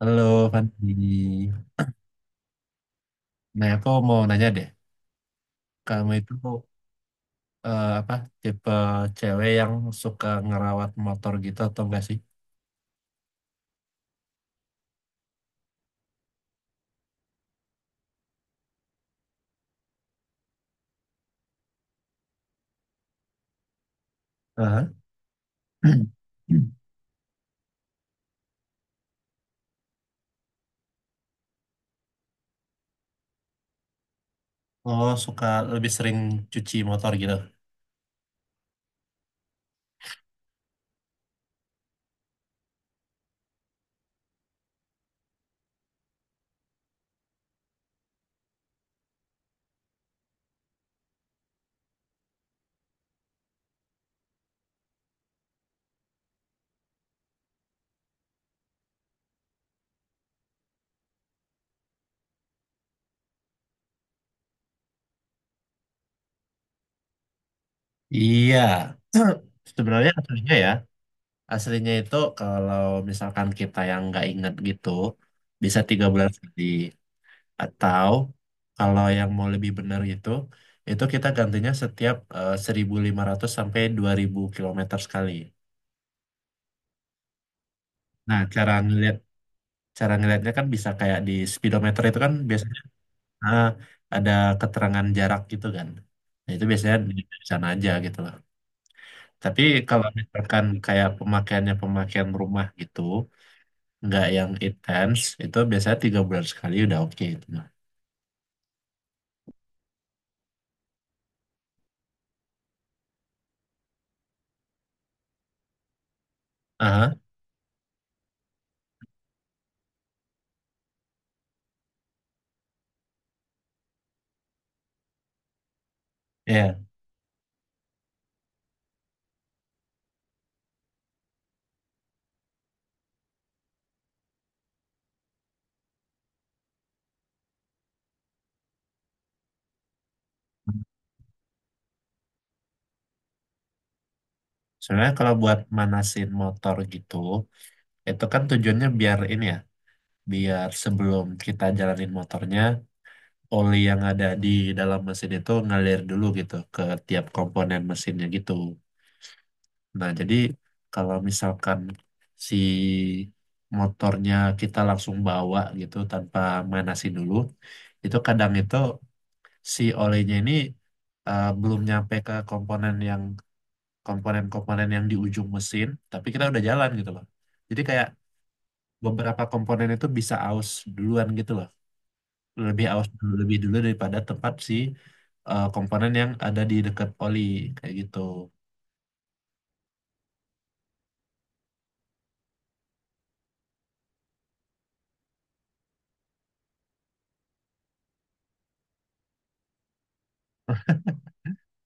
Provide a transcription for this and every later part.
Halo Fanti. Nah, aku mau nanya deh, kamu itu apa tipe cewek yang suka ngerawat motor gitu atau enggak sih? Aha. Oh, suka lebih sering cuci motor gitu? Iya, sebenarnya aslinya ya, aslinya itu kalau misalkan kita yang nggak inget gitu, bisa 3 bulan sekali. Atau kalau yang mau lebih benar gitu, itu kita gantinya setiap 1.500 sampai 2.000 kilometer sekali. Nah, cara ngeliatnya kan bisa kayak di speedometer itu kan biasanya ah, ada keterangan jarak gitu kan. Nah, itu biasanya di sana aja gitu loh. Tapi kalau misalkan kayak pemakaian rumah gitu, nggak yang intens, itu biasanya 3 bulan sekali udah oke gitu. Nah, Aha, ya. Sebenarnya kalau buat manasin motor gitu, itu kan tujuannya biar ini ya, biar sebelum kita jalanin motornya, oli yang ada di dalam mesin itu ngalir dulu gitu ke tiap komponen mesinnya gitu. Nah, jadi kalau misalkan si motornya kita langsung bawa gitu tanpa manasin dulu, itu kadang itu si olinya ini belum nyampe ke komponen-komponen yang di ujung mesin, tapi kita udah jalan gitu loh. Jadi kayak beberapa komponen itu bisa aus duluan gitu loh. Lebih dulu daripada tempat si komponen yang ada di dekat oli kayak gitu.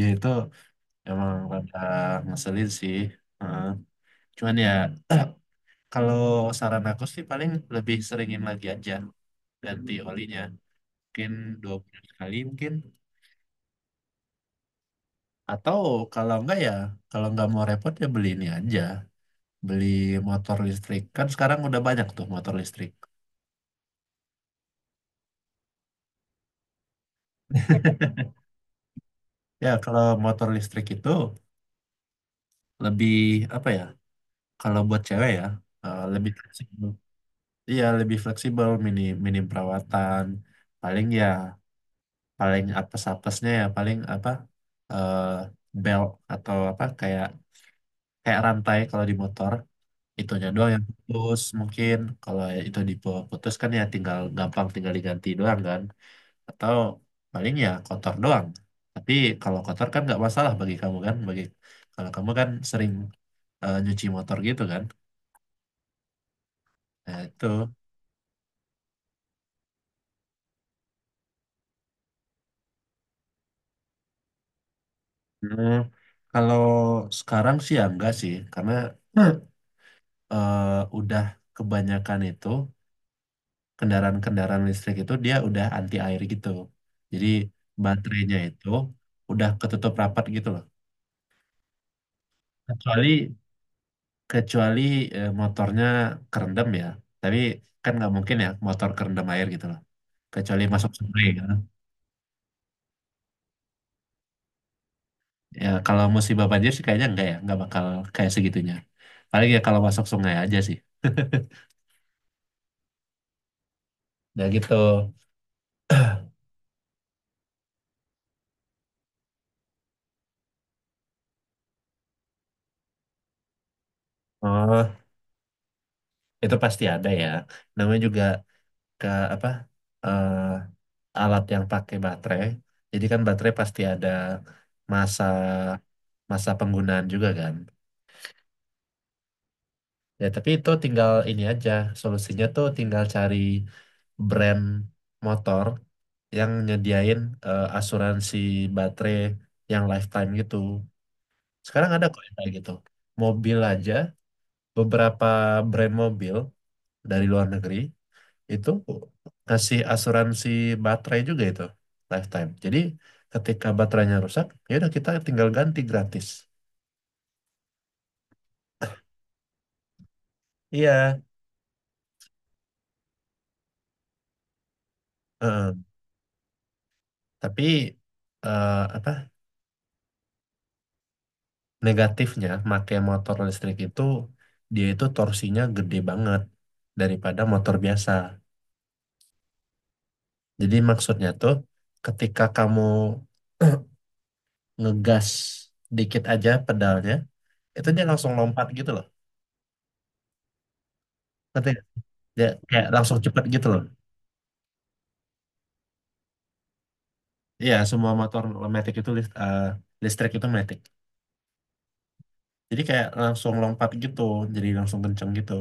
Ya itu emang rada ngeselin sih. Heeh. Cuman ya kalau saran aku sih paling lebih seringin lagi aja ganti olinya. Mungkin 2 bulan sekali mungkin. Atau kalau enggak ya kalau nggak mau repot ya beli ini aja. Beli motor listrik. Kan sekarang udah banyak tuh motor listrik. Ya kalau motor listrik itu lebih apa ya? Kalau buat cewek ya, lebih fleksibel. Iya, lebih fleksibel, mini mini perawatan. Paling ya, paling apes-apesnya ya, paling apa, eh belt atau apa, kayak kayak rantai kalau di motor. Itunya doang yang putus mungkin. Kalau itu diputus kan ya tinggal gampang tinggal diganti doang kan. Atau paling ya kotor doang. Tapi kalau kotor kan nggak masalah bagi kamu kan. Kalau kamu kan sering nyuci motor gitu kan. Nah itu. Hmm, kalau sekarang sih ya enggak sih, karena Hmm. eh, udah kebanyakan itu kendaraan-kendaraan listrik itu dia udah anti air gitu. Jadi baterainya itu udah ketutup rapat gitu loh. Kecuali kecuali motornya kerendam ya, tapi kan nggak mungkin ya motor kerendam air gitu loh. Kecuali masuk sungai kan. Ya kalau musibah banjir sih kayaknya enggak ya, nggak bakal kayak segitunya. Paling ya kalau masuk sungai aja sih. Nah gitu. Oh. Itu pasti ada ya. Namanya juga ke apa eh, alat yang pakai baterai. Jadi kan baterai pasti ada masa masa penggunaan juga kan. Ya tapi itu tinggal ini aja. Solusinya tuh tinggal cari brand motor yang nyediain asuransi baterai yang lifetime gitu. Sekarang ada kok yang kayak gitu. Mobil aja, beberapa brand mobil dari luar negeri itu kasih asuransi baterai juga itu lifetime. Jadi ketika baterainya rusak, ya udah kita tinggal ganti gratis. Iya, Heeh. Tapi apa negatifnya, pakai motor listrik itu dia itu torsinya gede banget daripada motor biasa. Jadi maksudnya tuh ketika kamu ngegas dikit aja pedalnya, itu dia langsung lompat gitu loh. Ngerti nggak? Dia kayak langsung cepet gitu loh. Iya, semua motor matic itu listrik itu matic. Jadi kayak langsung lompat gitu, jadi langsung kenceng gitu.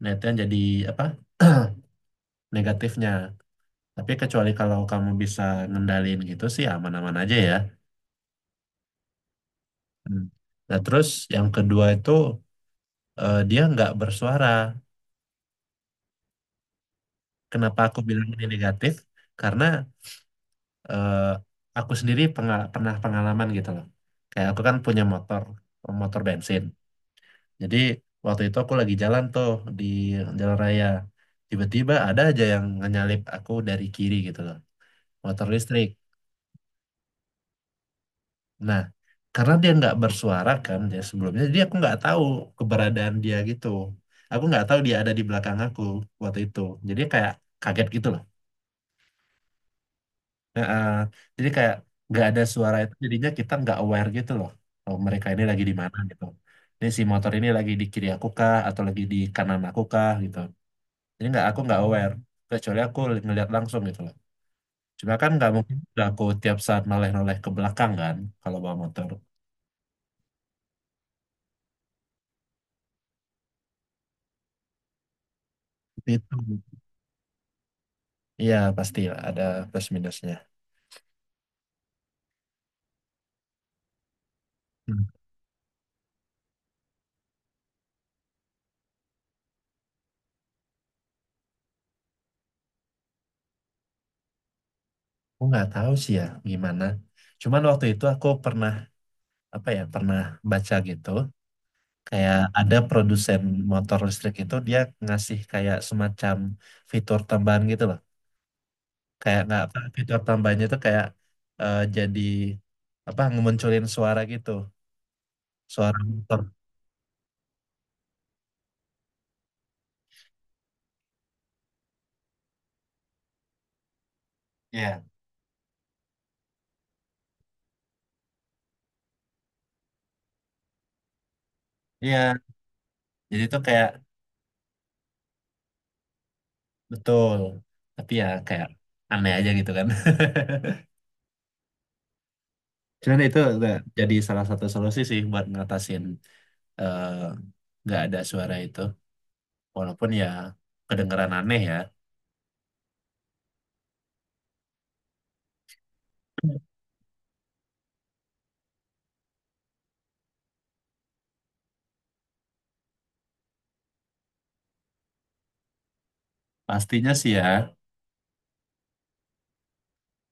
Nah, itu yang jadi apa? Negatifnya. Tapi kecuali kalau kamu bisa ngendalin gitu sih aman-aman aja ya. Hmm. Nah, terus yang kedua itu dia nggak bersuara. Kenapa aku bilang ini negatif? Karena eh, aku sendiri pernah pengalaman gitu loh. Kayak aku kan punya motor, motor bensin. Jadi waktu itu aku lagi jalan tuh di jalan raya. Tiba-tiba ada aja yang nyalip aku dari kiri gitu loh. Motor listrik. Nah, karena dia nggak bersuara kan dia sebelumnya, jadi aku nggak tahu keberadaan dia gitu. Aku nggak tahu dia ada di belakang aku waktu itu. Jadi kayak kaget gitu loh. Nah, jadi kayak nggak ada suara itu, jadinya kita nggak aware gitu loh. Oh, mereka ini lagi di mana gitu. Ini si motor ini lagi di kiri aku kah atau lagi di kanan aku kah gitu. Jadi nggak aku nggak aware kecuali aku ngeliat langsung gitu loh. Cuma kan nggak mungkin lah aku tiap saat noleh-noleh ke belakang kan kalau bawa motor. Itu. Iya pasti ada plus minusnya. Hmm. Aku nggak tahu sih ya gimana. Cuman waktu itu aku pernah apa ya pernah baca gitu kayak ada produsen motor listrik itu dia ngasih kayak semacam fitur tambahan gitu loh. Kayak nggak apa fitur tambahannya itu kayak jadi apa ngemunculin suara gitu suara motor. Iya. Iya, jadi itu kayak betul. Tapi ya kayak aneh aja gitu kan. Cuman itu udah jadi salah satu solusi sih buat ngatasin eh, nggak ada suara itu. Walaupun ya kedengeran aneh ya. Pastinya sih ya,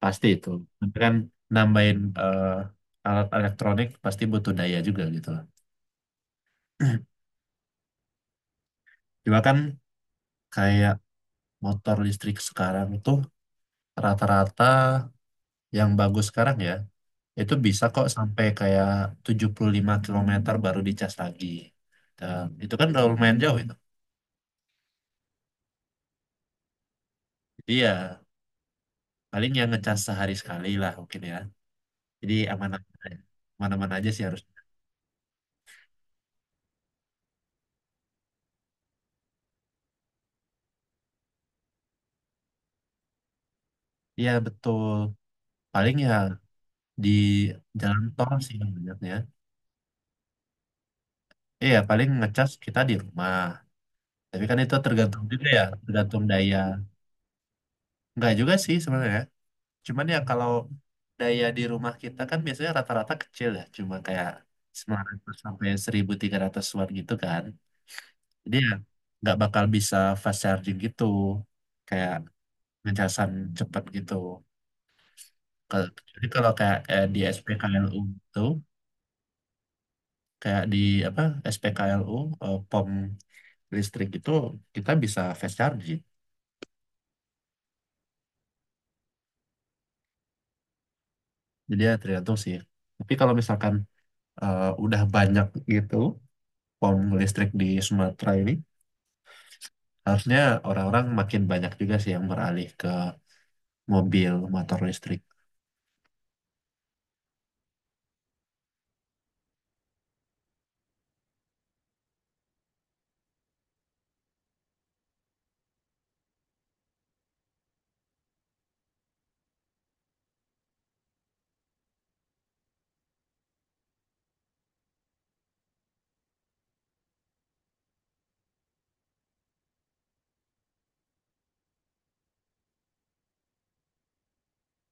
pasti itu. Tapi kan nambahin alat elektronik pasti butuh daya juga gitu loh. Cuma kan kayak motor listrik sekarang tuh rata-rata yang bagus sekarang ya, itu bisa kok sampai kayak 75 kilometer baru dicas lagi. Dan itu kan udah lumayan jauh itu. Jadi ya paling yang ngecas sehari sekali lah mungkin ya. Jadi aman-aman aja. Aman-aman aja sih harus. Iya betul. Paling ya di jalan tol sih yang banyaknya. Iya paling ngecas kita di rumah. Tapi kan itu tergantung juga ya, tergantung daya. Enggak juga sih sebenarnya. Cuman ya kalau daya di rumah kita kan biasanya rata-rata kecil ya, cuma kayak 900 sampai 1.300 watt gitu kan. Jadi ya nggak bakal bisa fast charging gitu, kayak ngecasan cepet gitu. Jadi kalau kayak di SPKLU itu, kayak di apa SPKLU pom listrik itu kita bisa fast charging. Jadi ya tergantung sih. Tapi kalau misalkan udah banyak gitu pom listrik di Sumatera ini. Harusnya orang-orang makin banyak juga sih yang beralih ke mobil motor listrik.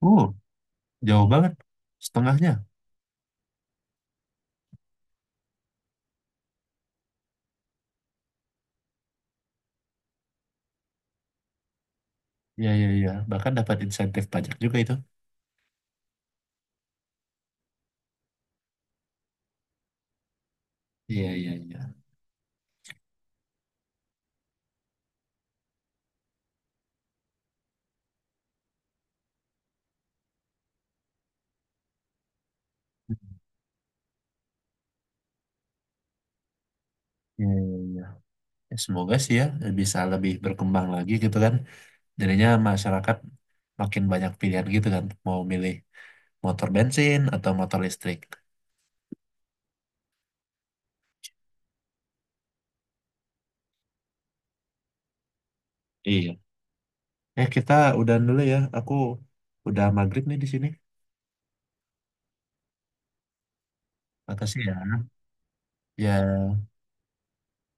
Uh, jauh banget. Setengahnya. Iya, iya, iya. Bahkan dapat insentif pajak juga itu. Iya, iya, iya. Iya, iya, iya. Ya, semoga sih ya bisa lebih berkembang lagi gitu kan. Jadinya masyarakat makin banyak pilihan gitu kan. Mau milih motor bensin atau motor listrik. Iya. Kita udahan dulu ya. Aku udah maghrib nih di sini. Makasih ya. Ya.